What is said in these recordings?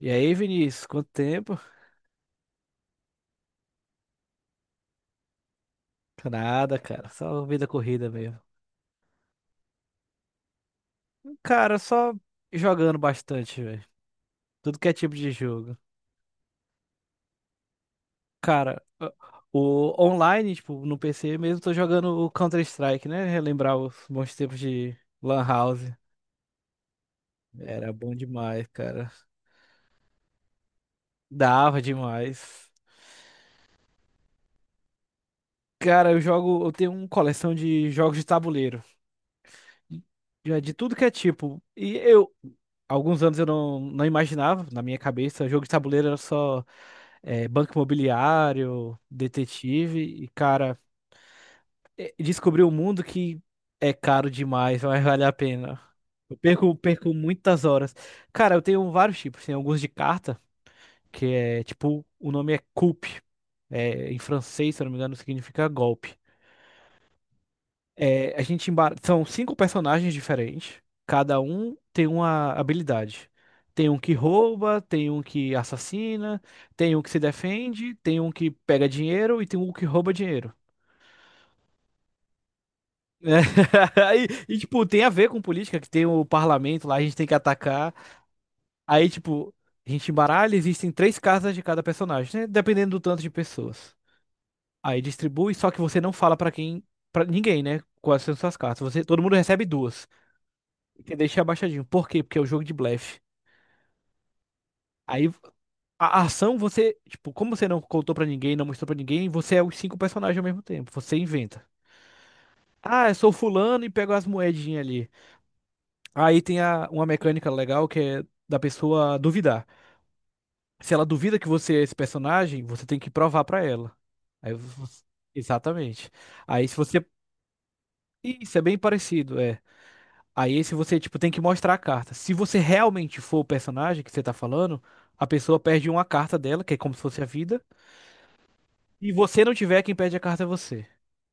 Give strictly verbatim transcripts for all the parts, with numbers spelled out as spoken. E aí, Vinícius, quanto tempo? Nada, cara, só vida corrida mesmo. Cara, só jogando bastante, velho. Tudo que é tipo de jogo. Cara, o o online, tipo, no P C mesmo, tô jogando o Counter-Strike, né? Relembrar os bons tempos de Lan House. Era bom demais, cara. Dava demais. Cara, eu jogo, eu tenho uma coleção de jogos de tabuleiro. Já de tudo que é tipo. E eu, alguns anos eu não, não imaginava, na minha cabeça, jogo de tabuleiro era só é, banco imobiliário, detetive. E, cara, é, descobri um mundo que é caro demais, mas vale a pena. Eu perco, perco muitas horas. Cara, eu tenho vários tipos, tem alguns de carta, que é tipo, o nome é coup. É, em francês, se eu não me engano, significa golpe. É, a gente embar... são cinco personagens diferentes. Cada um tem uma habilidade. Tem um que rouba, tem um que assassina, tem um que se defende, tem um que pega dinheiro e tem um que rouba dinheiro. Né? E, e, tipo, tem a ver com política, que tem o parlamento lá, a gente tem que atacar. Aí, tipo, a gente embaralha, existem três casas de cada personagem, né? Dependendo do tanto de pessoas. Aí distribui, só que você não fala pra quem, para ninguém, né? Quais são suas cartas. Você, todo mundo recebe duas. Tem que deixar abaixadinho. Por quê? Porque é o jogo de blefe. Aí a ação você, tipo, como você não contou pra ninguém, não mostrou pra ninguém, você é os cinco personagens ao mesmo tempo. Você inventa. Ah, eu sou fulano e pego as moedinhas ali. Aí tem a, uma mecânica legal que é da pessoa duvidar. Se ela duvida que você é esse personagem, você tem que provar pra ela. Aí você- Exatamente. Aí se você. Isso é bem parecido. É. Aí se você, tipo, tem que mostrar a carta. Se você realmente for o personagem que você tá falando, a pessoa perde uma carta dela, que é como se fosse a vida. E você não tiver, quem perde a carta é você.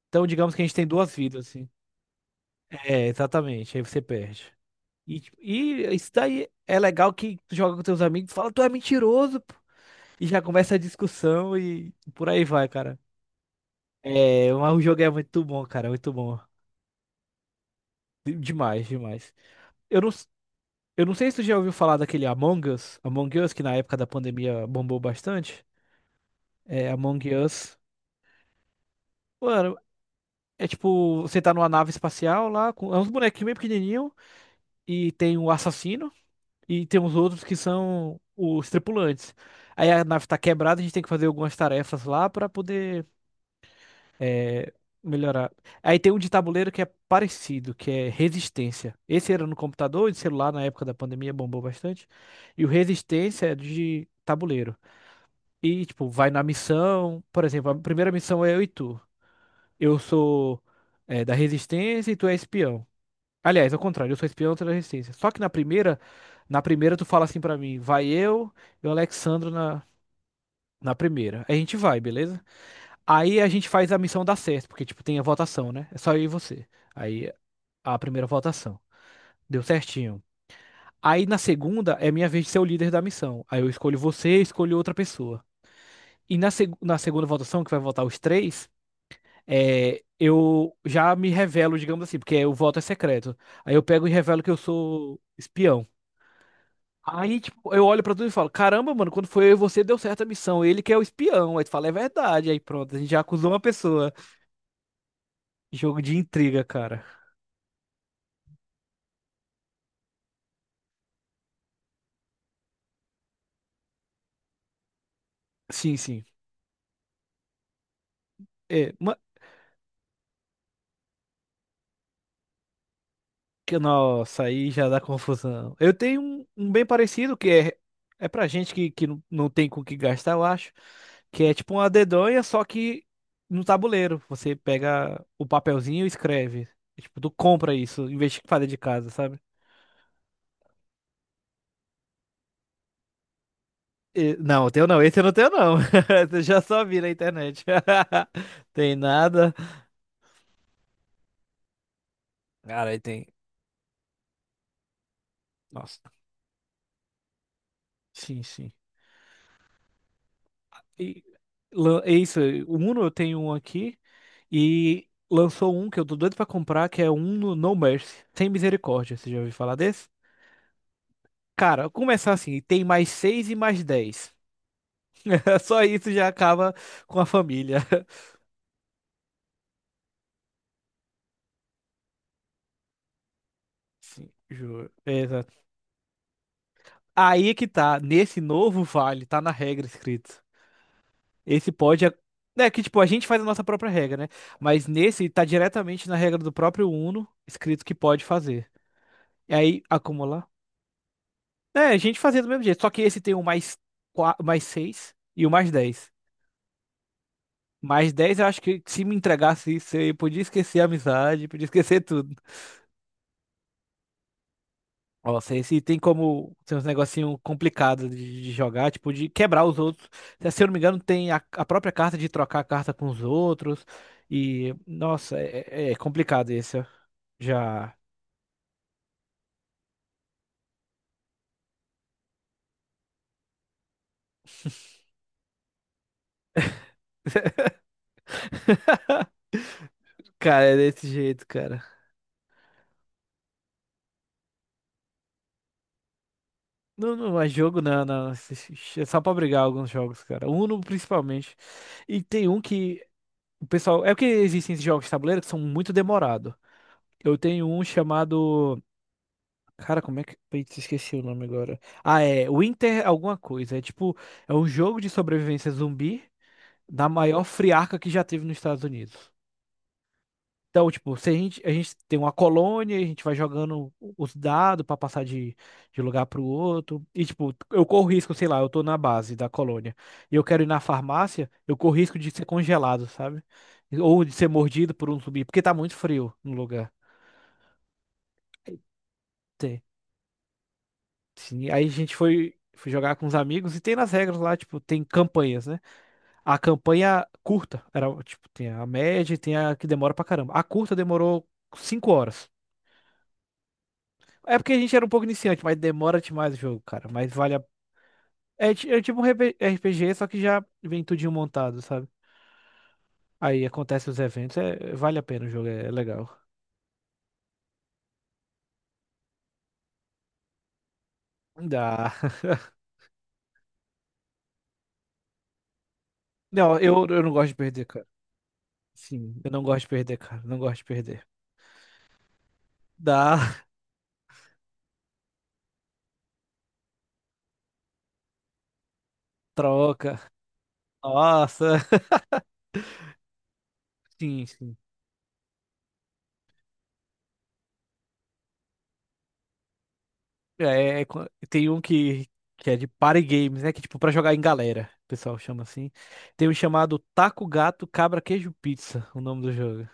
Então, digamos que a gente tem duas vidas, assim. É, exatamente. Aí você perde. E, tipo, e isso daí é legal que tu joga com teus amigos, fala, tu é mentiroso, pô. E já começa a discussão e por aí vai, cara. É, mas o jogo é muito bom, cara, muito bom. De- Demais, demais. Eu não, Eu não sei se tu já ouviu falar daquele Among Us, Among Us, que na época da pandemia bombou bastante. É, Among Us. Mano, é tipo, você tá numa nave espacial lá, com é uns bonequinhos bem pequenininhos, e tem um assassino, e tem uns outros que são os tripulantes. Aí a nave tá quebrada, a gente tem que fazer algumas tarefas lá pra poder é, melhorar. Aí tem um de tabuleiro que é parecido, que é Resistência. Esse era no computador e de celular na época da pandemia bombou bastante. E o Resistência é de tabuleiro. E, tipo, vai na missão. Por exemplo, a primeira missão é eu e tu. Eu sou é, da Resistência e tu é espião. Aliás, ao contrário, eu sou espião, tu é da Resistência. Só que na primeira, na primeira tu fala assim pra mim, vai eu e o Alexandro na, na primeira. Aí a gente vai, beleza? Aí a gente faz a missão dar certo, porque, tipo, tem a votação, né? É só eu e você. Aí a primeira votação. Deu certinho. Aí na segunda é minha vez de ser o líder da missão. Aí eu escolho você, escolho outra pessoa. E na, seg na segunda votação, que vai votar os três. É, eu já me revelo, digamos assim, porque o voto é secreto. Aí eu pego e revelo que eu sou espião. Aí, tipo, eu olho pra tudo e falo, caramba, mano, quando foi eu e você, deu certo a missão. Ele que é o espião. Aí tu fala, é verdade. Aí pronto, a gente já acusou uma pessoa. Jogo de intriga, cara. Sim, sim. É, ma- Que, nossa, aí já dá confusão. Eu tenho um, um bem parecido que é, é pra gente que, que não não tem com o que gastar, eu acho. Que é tipo uma dedonha, só que no tabuleiro. Você pega o papelzinho e escreve. É, tipo, tu compra isso, em vez de fazer de casa, sabe? E- não, o teu não, esse eu não tenho não. Eu já só vi na internet. Tem nada. Cara, aí tem. Nossa. Sim, sim. E, lan- é isso, o Uno eu tenho um aqui e lançou um que eu tô doido pra comprar, que é um no No Mercy, sem misericórdia. Você já ouviu falar desse? Cara, começar assim, tem mais seis e mais dez. Só isso já acaba com a família. Sim, juro. É, exato. Aí é que tá, nesse novo vale, tá na regra escrito. Esse pode. É, né, que tipo, a gente faz a nossa própria regra, né? Mas nesse tá diretamente na regra do próprio Uno, escrito que pode fazer. E aí, acumular. É, a gente fazia do mesmo jeito, só que esse tem o mais, qua- mais seis e o mais dez. Mais dez, eu acho que se me entregasse isso, eu podia esquecer a amizade, podia esquecer tudo. Nossa, esse tem como tem uns negocinho complicado de, de jogar, tipo, de quebrar os outros. Se se eu não me engano, tem a, a própria carta de trocar a carta com os outros. E, nossa, é, é- é complicado esse, ó. Já. Cara, é desse jeito, cara. Não, não é jogo, não, não. Esse- esse- É só pra brigar alguns jogos, cara. Uno, principalmente. E tem um que O pessoal, é porque existem esses jogos de tabuleiro que são muito demorados. Eu tenho um chamado. Cara, como é que. Putz, esqueci o nome agora. Ah, é. Winter alguma coisa. É tipo. É um jogo de sobrevivência zumbi da maior friarca que já teve nos Estados Unidos. Então, tipo, se a gente, a gente tem uma colônia, a gente vai jogando os dados pra passar de, de lugar pro outro. E, tipo, eu corro risco, sei lá, eu tô na base da colônia e eu quero ir na farmácia, eu corro risco de ser congelado, sabe? Ou de ser mordido por um zumbi, porque tá muito frio no lugar. Tem. Sim, aí a gente foi, foi jogar com os amigos e tem nas regras lá, tipo, tem campanhas, né? A campanha curta, era, tipo, tem a média e tem a que demora pra caramba. A curta demorou cinco horas. É porque a gente era um pouco iniciante, mas demora demais o jogo, cara. Mas vale a... É, ti- é tipo um RP R P G, só que já vem tudinho montado, sabe? Aí acontece os eventos, é, vale a pena o jogo, é, é legal. Dá. Não, eu, eu não gosto de perder, cara. Sim, eu não gosto de perder, cara. Não gosto de perder. Dá, troca. Nossa. Sim, sim. É, é co- tem um que, que é de party games, né? Que tipo, pra jogar em galera, o pessoal chama assim. Tem um chamado Taco Gato Cabra Queijo Pizza, o nome do jogo.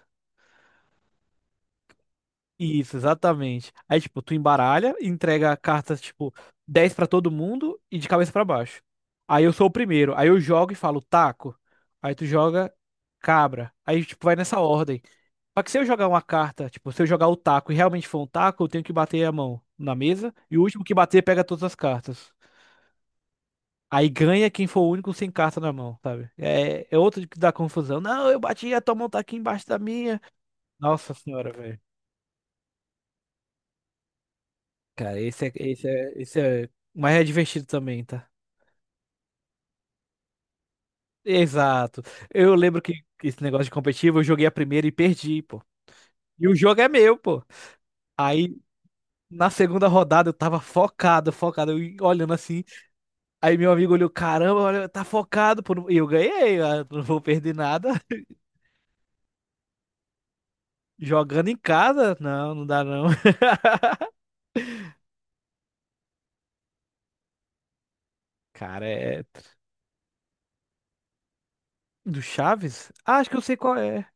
Isso, exatamente. Aí, tipo, tu embaralha, entrega cartas, tipo, dez pra todo mundo e de cabeça pra baixo. Aí eu sou o primeiro. Aí eu jogo e falo taco. Aí tu joga cabra. Aí, tipo, vai nessa ordem. Só que se eu jogar uma carta, tipo, se eu jogar o taco e realmente for um taco, eu tenho que bater a mão na mesa. E o último que bater pega todas as cartas. Aí ganha quem for o único sem carta na mão, sabe? É, é outro que dá confusão. Não, eu bati, a tua mão tá aqui embaixo da minha. Nossa senhora, velho. Cara, esse é, esse é, esse é mais divertido também, tá? Exato. Eu lembro que que esse negócio de competitivo, eu joguei a primeira e perdi, pô. E o jogo é meu, pô. Aí, na segunda rodada, eu tava focado, focado, eu olhando assim. Aí meu amigo olhou, caramba, olha, tá focado, pô. E eu ganhei, eu "Ah, não vou perder nada. Jogando em casa, não, não dá não. Cara, é... Do Chaves? Ah, acho que eu sei qual é.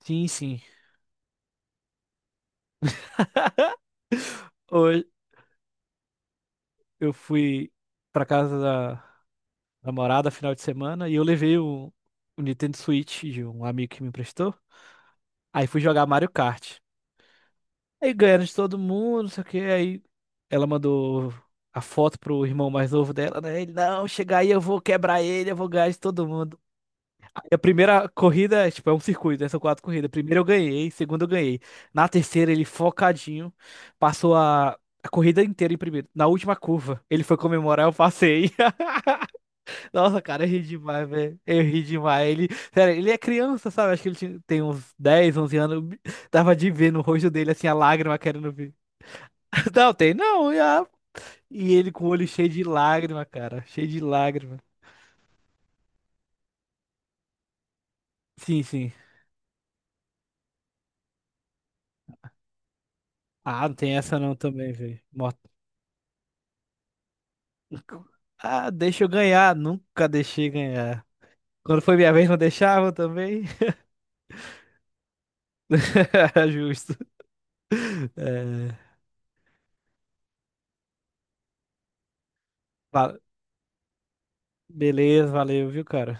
Sim, sim. Hoje eu fui pra casa da namorada final de semana e eu levei o, o Nintendo Switch de um amigo que me emprestou. Aí fui jogar Mario Kart. Aí ganhando de todo mundo, não sei o que. Aí ela mandou a foto pro irmão mais novo dela, né? Ele, não, chega aí, eu vou quebrar ele, eu vou ganhar de todo mundo. Aí a primeira corrida, é, tipo, é um circuito, né? São quatro corridas. Primeiro eu ganhei, segunda eu ganhei. Na terceira, ele focadinho, passou a. A corrida inteira em primeiro. Na última curva, ele foi comemorar, eu passei. Nossa, cara, eu ri demais, velho. Eu ri demais. Ele, sério, ele é criança, sabe? Acho que ele tinha- tem uns dez, onze anos. Dava de ver no rosto dele, assim, a lágrima querendo vir. Não, tem não. E, a- e ele com o olho cheio de lágrima, cara. Cheio de lágrima. Sim, sim. Ah, não tem essa não também, velho. Mó- Ah, deixa eu ganhar. Nunca deixei ganhar. Quando foi minha vez, não deixavam também. Justo. É, va- Beleza, valeu, viu, cara?